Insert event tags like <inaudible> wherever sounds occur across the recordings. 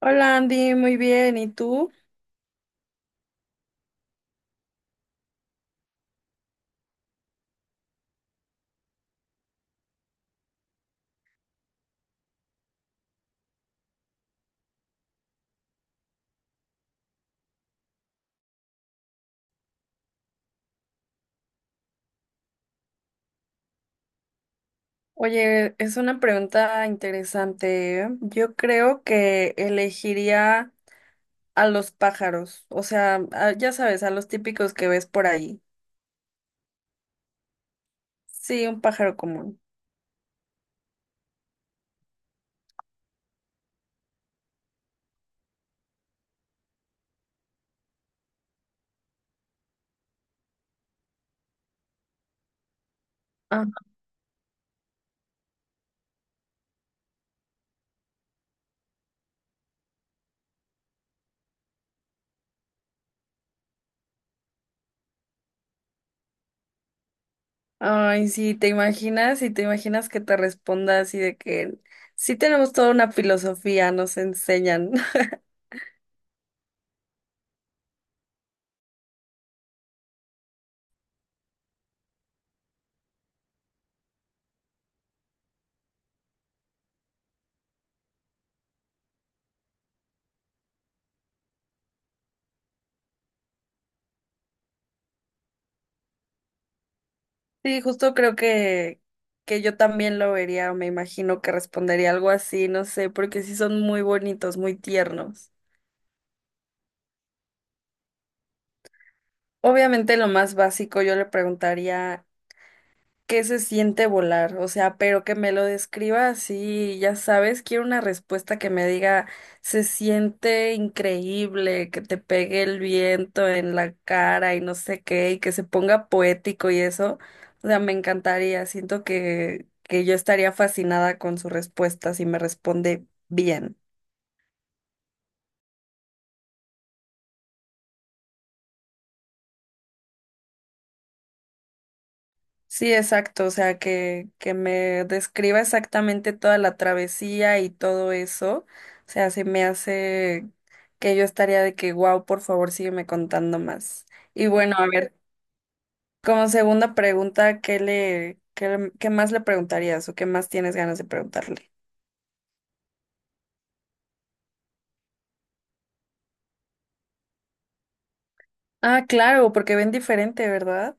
Hola Andy, muy bien. ¿Y tú? Oye, es una pregunta interesante. ¿Eh? Yo creo que elegiría a los pájaros, o sea, ya sabes, a los típicos que ves por ahí. Sí, un pájaro común. Ah, ay, sí, te imaginas y te imaginas que te responda así de que sí tenemos toda una filosofía, nos enseñan. <laughs> Sí, justo creo que yo también lo vería, me imagino que respondería algo así, no sé, porque sí son muy bonitos, muy tiernos. Obviamente lo más básico yo le preguntaría qué se siente volar, o sea, pero que me lo describa así, ya sabes, quiero una respuesta que me diga se siente increíble, que te pegue el viento en la cara y no sé qué, y que se ponga poético y eso, o sea, me encantaría, siento que yo estaría fascinada con su respuesta si me responde bien. Sí, exacto, o sea, que me describa exactamente toda la travesía y todo eso, o sea, se me hace que yo estaría de que, wow, por favor, sígueme contando más. Y bueno, a ver, como segunda pregunta, ¿qué más le preguntarías o qué más tienes ganas de preguntarle? Ah, claro, porque ven diferente, ¿verdad?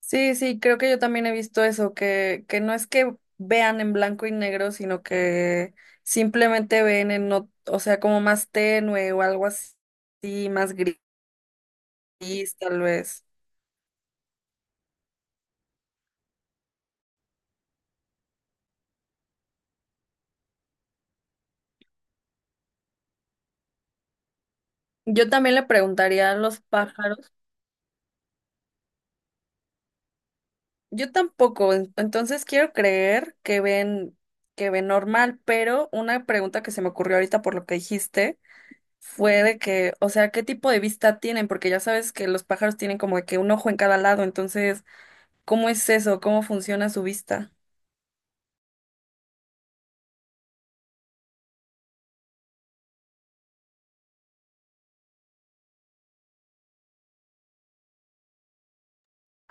Sí, sí, creo que yo también he visto eso, que no es que vean en blanco y negro, sino que simplemente ven en, no, o sea, como más tenue o algo así, más gris, tal vez. Yo también le preguntaría a los pájaros. Yo tampoco, entonces quiero creer que ven normal, pero una pregunta que se me ocurrió ahorita por lo que dijiste fue de que, o sea, ¿qué tipo de vista tienen? Porque ya sabes que los pájaros tienen como de que un ojo en cada lado, entonces ¿cómo es eso? ¿Cómo funciona su vista?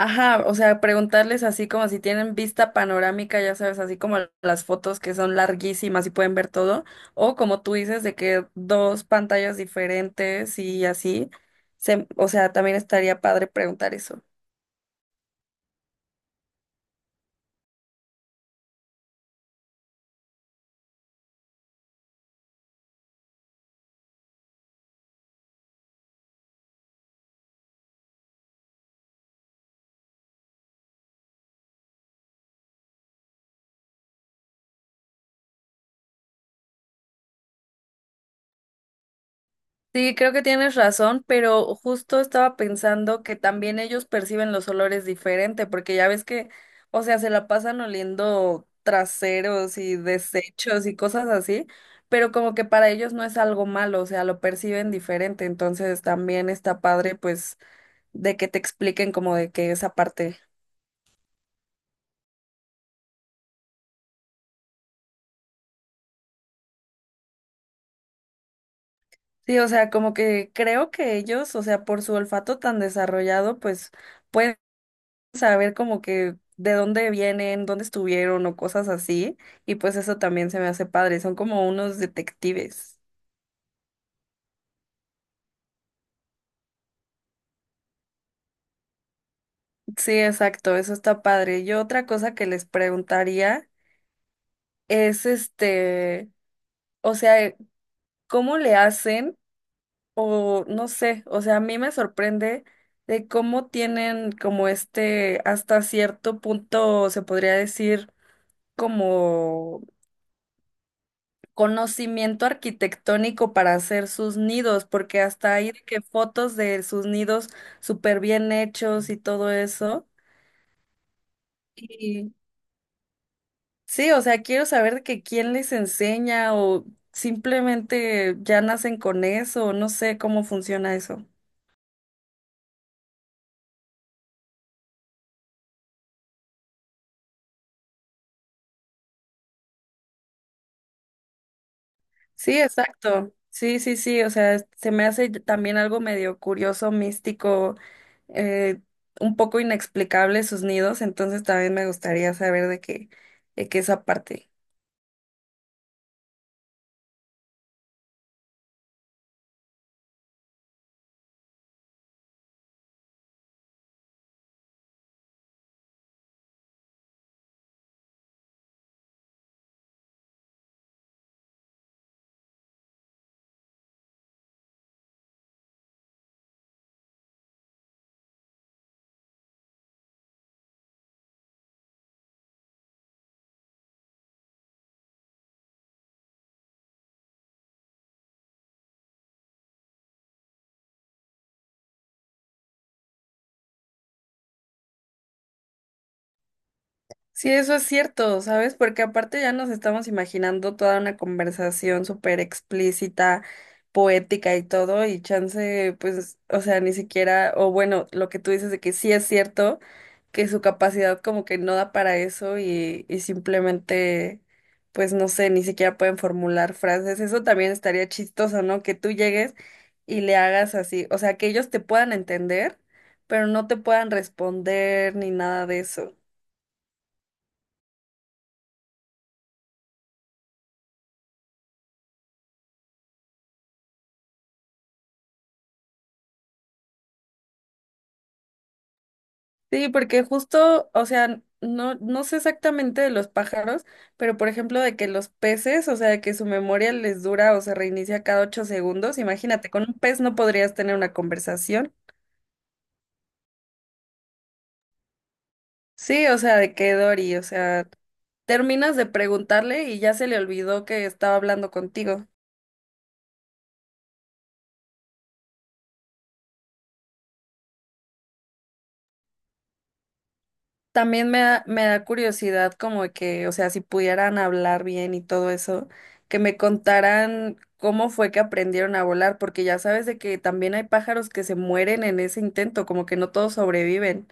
Ajá, o sea, preguntarles así como si tienen vista panorámica, ya sabes, así como las fotos que son larguísimas y pueden ver todo, o como tú dices, de que dos pantallas diferentes y así, o sea, también estaría padre preguntar eso. Sí, creo que tienes razón, pero justo estaba pensando que también ellos perciben los olores diferente, porque ya ves que, o sea, se la pasan oliendo traseros y desechos y cosas así, pero como que para ellos no es algo malo, o sea, lo perciben diferente, entonces también está padre, pues, de que te expliquen como de que esa parte. Sí, o sea, como que creo que ellos, o sea, por su olfato tan desarrollado, pues pueden saber como que de dónde vienen, dónde estuvieron o cosas así. Y pues eso también se me hace padre. Son como unos detectives. Sí, exacto, eso está padre. Yo otra cosa que les preguntaría es este, o sea, ¿cómo le hacen? O no sé, o sea, a mí me sorprende de cómo tienen como este, hasta cierto punto, se podría decir, como conocimiento arquitectónico para hacer sus nidos, porque hasta hay de que fotos de sus nidos súper bien hechos y todo eso. Y sí, o sea, quiero saber de que quién les enseña o simplemente ya nacen con eso, no sé cómo funciona eso. Sí, exacto. Sí, sí, sí, o sea, se me hace también algo medio curioso, místico, eh, un poco inexplicable sus nidos, entonces también me gustaría saber de qué esa parte. Sí, eso es cierto, ¿sabes? Porque aparte ya nos estamos imaginando toda una conversación súper explícita, poética y todo, y chance, pues, o sea, ni siquiera, o bueno, lo que tú dices de que sí es cierto, que su capacidad como que no da para eso y simplemente, pues, no sé, ni siquiera pueden formular frases. Eso también estaría chistoso, ¿no? Que tú llegues y le hagas así, o sea, que ellos te puedan entender, pero no te puedan responder ni nada de eso. Sí, porque justo, o sea, no sé exactamente de los pájaros, pero por ejemplo de que los peces, o sea, de que su memoria les dura o se reinicia cada 8 segundos, imagínate, con un pez no podrías tener una conversación. Sí, o sea, de que Dory, o sea, terminas de preguntarle y ya se le olvidó que estaba hablando contigo. También me da curiosidad como de que, o sea, si pudieran hablar bien y todo eso, que me contaran cómo fue que aprendieron a volar, porque ya sabes de que también hay pájaros que se mueren en ese intento, como que no todos sobreviven.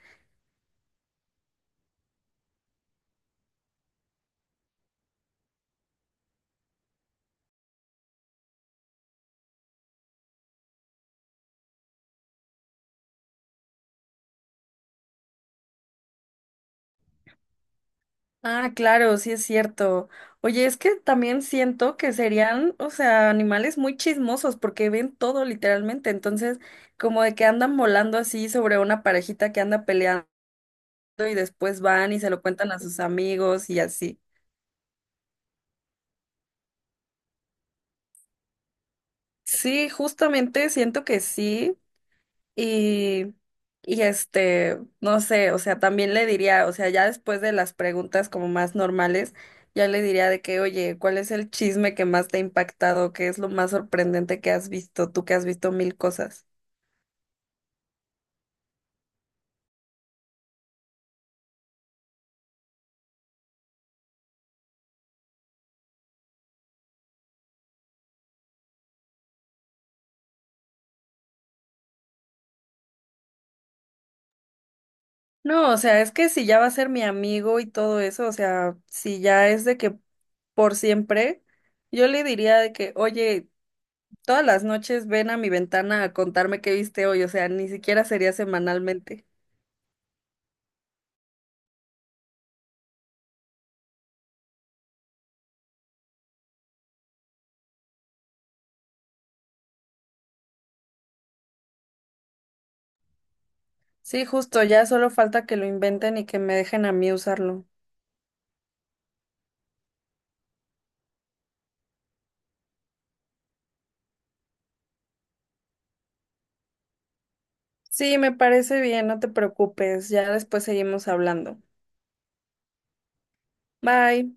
Ah, claro, sí es cierto. Oye, es que también siento que serían, o sea, animales muy chismosos porque ven todo literalmente, entonces como de que andan volando así sobre una parejita que anda peleando y después van y se lo cuentan a sus amigos y así. Sí, justamente siento que sí. Y, y este, no sé, o sea, también le diría, o sea, ya después de las preguntas como más normales, ya le diría de que, oye, ¿cuál es el chisme que más te ha impactado? ¿Qué es lo más sorprendente que has visto? Tú que has visto mil cosas. No, o sea, es que si ya va a ser mi amigo y todo eso, o sea, si ya es de que por siempre, yo le diría de que, oye, todas las noches ven a mi ventana a contarme qué viste hoy, o sea, ni siquiera sería semanalmente. Sí, justo, ya solo falta que lo inventen y que me dejen a mí usarlo. Sí, me parece bien, no te preocupes, ya después seguimos hablando. Bye.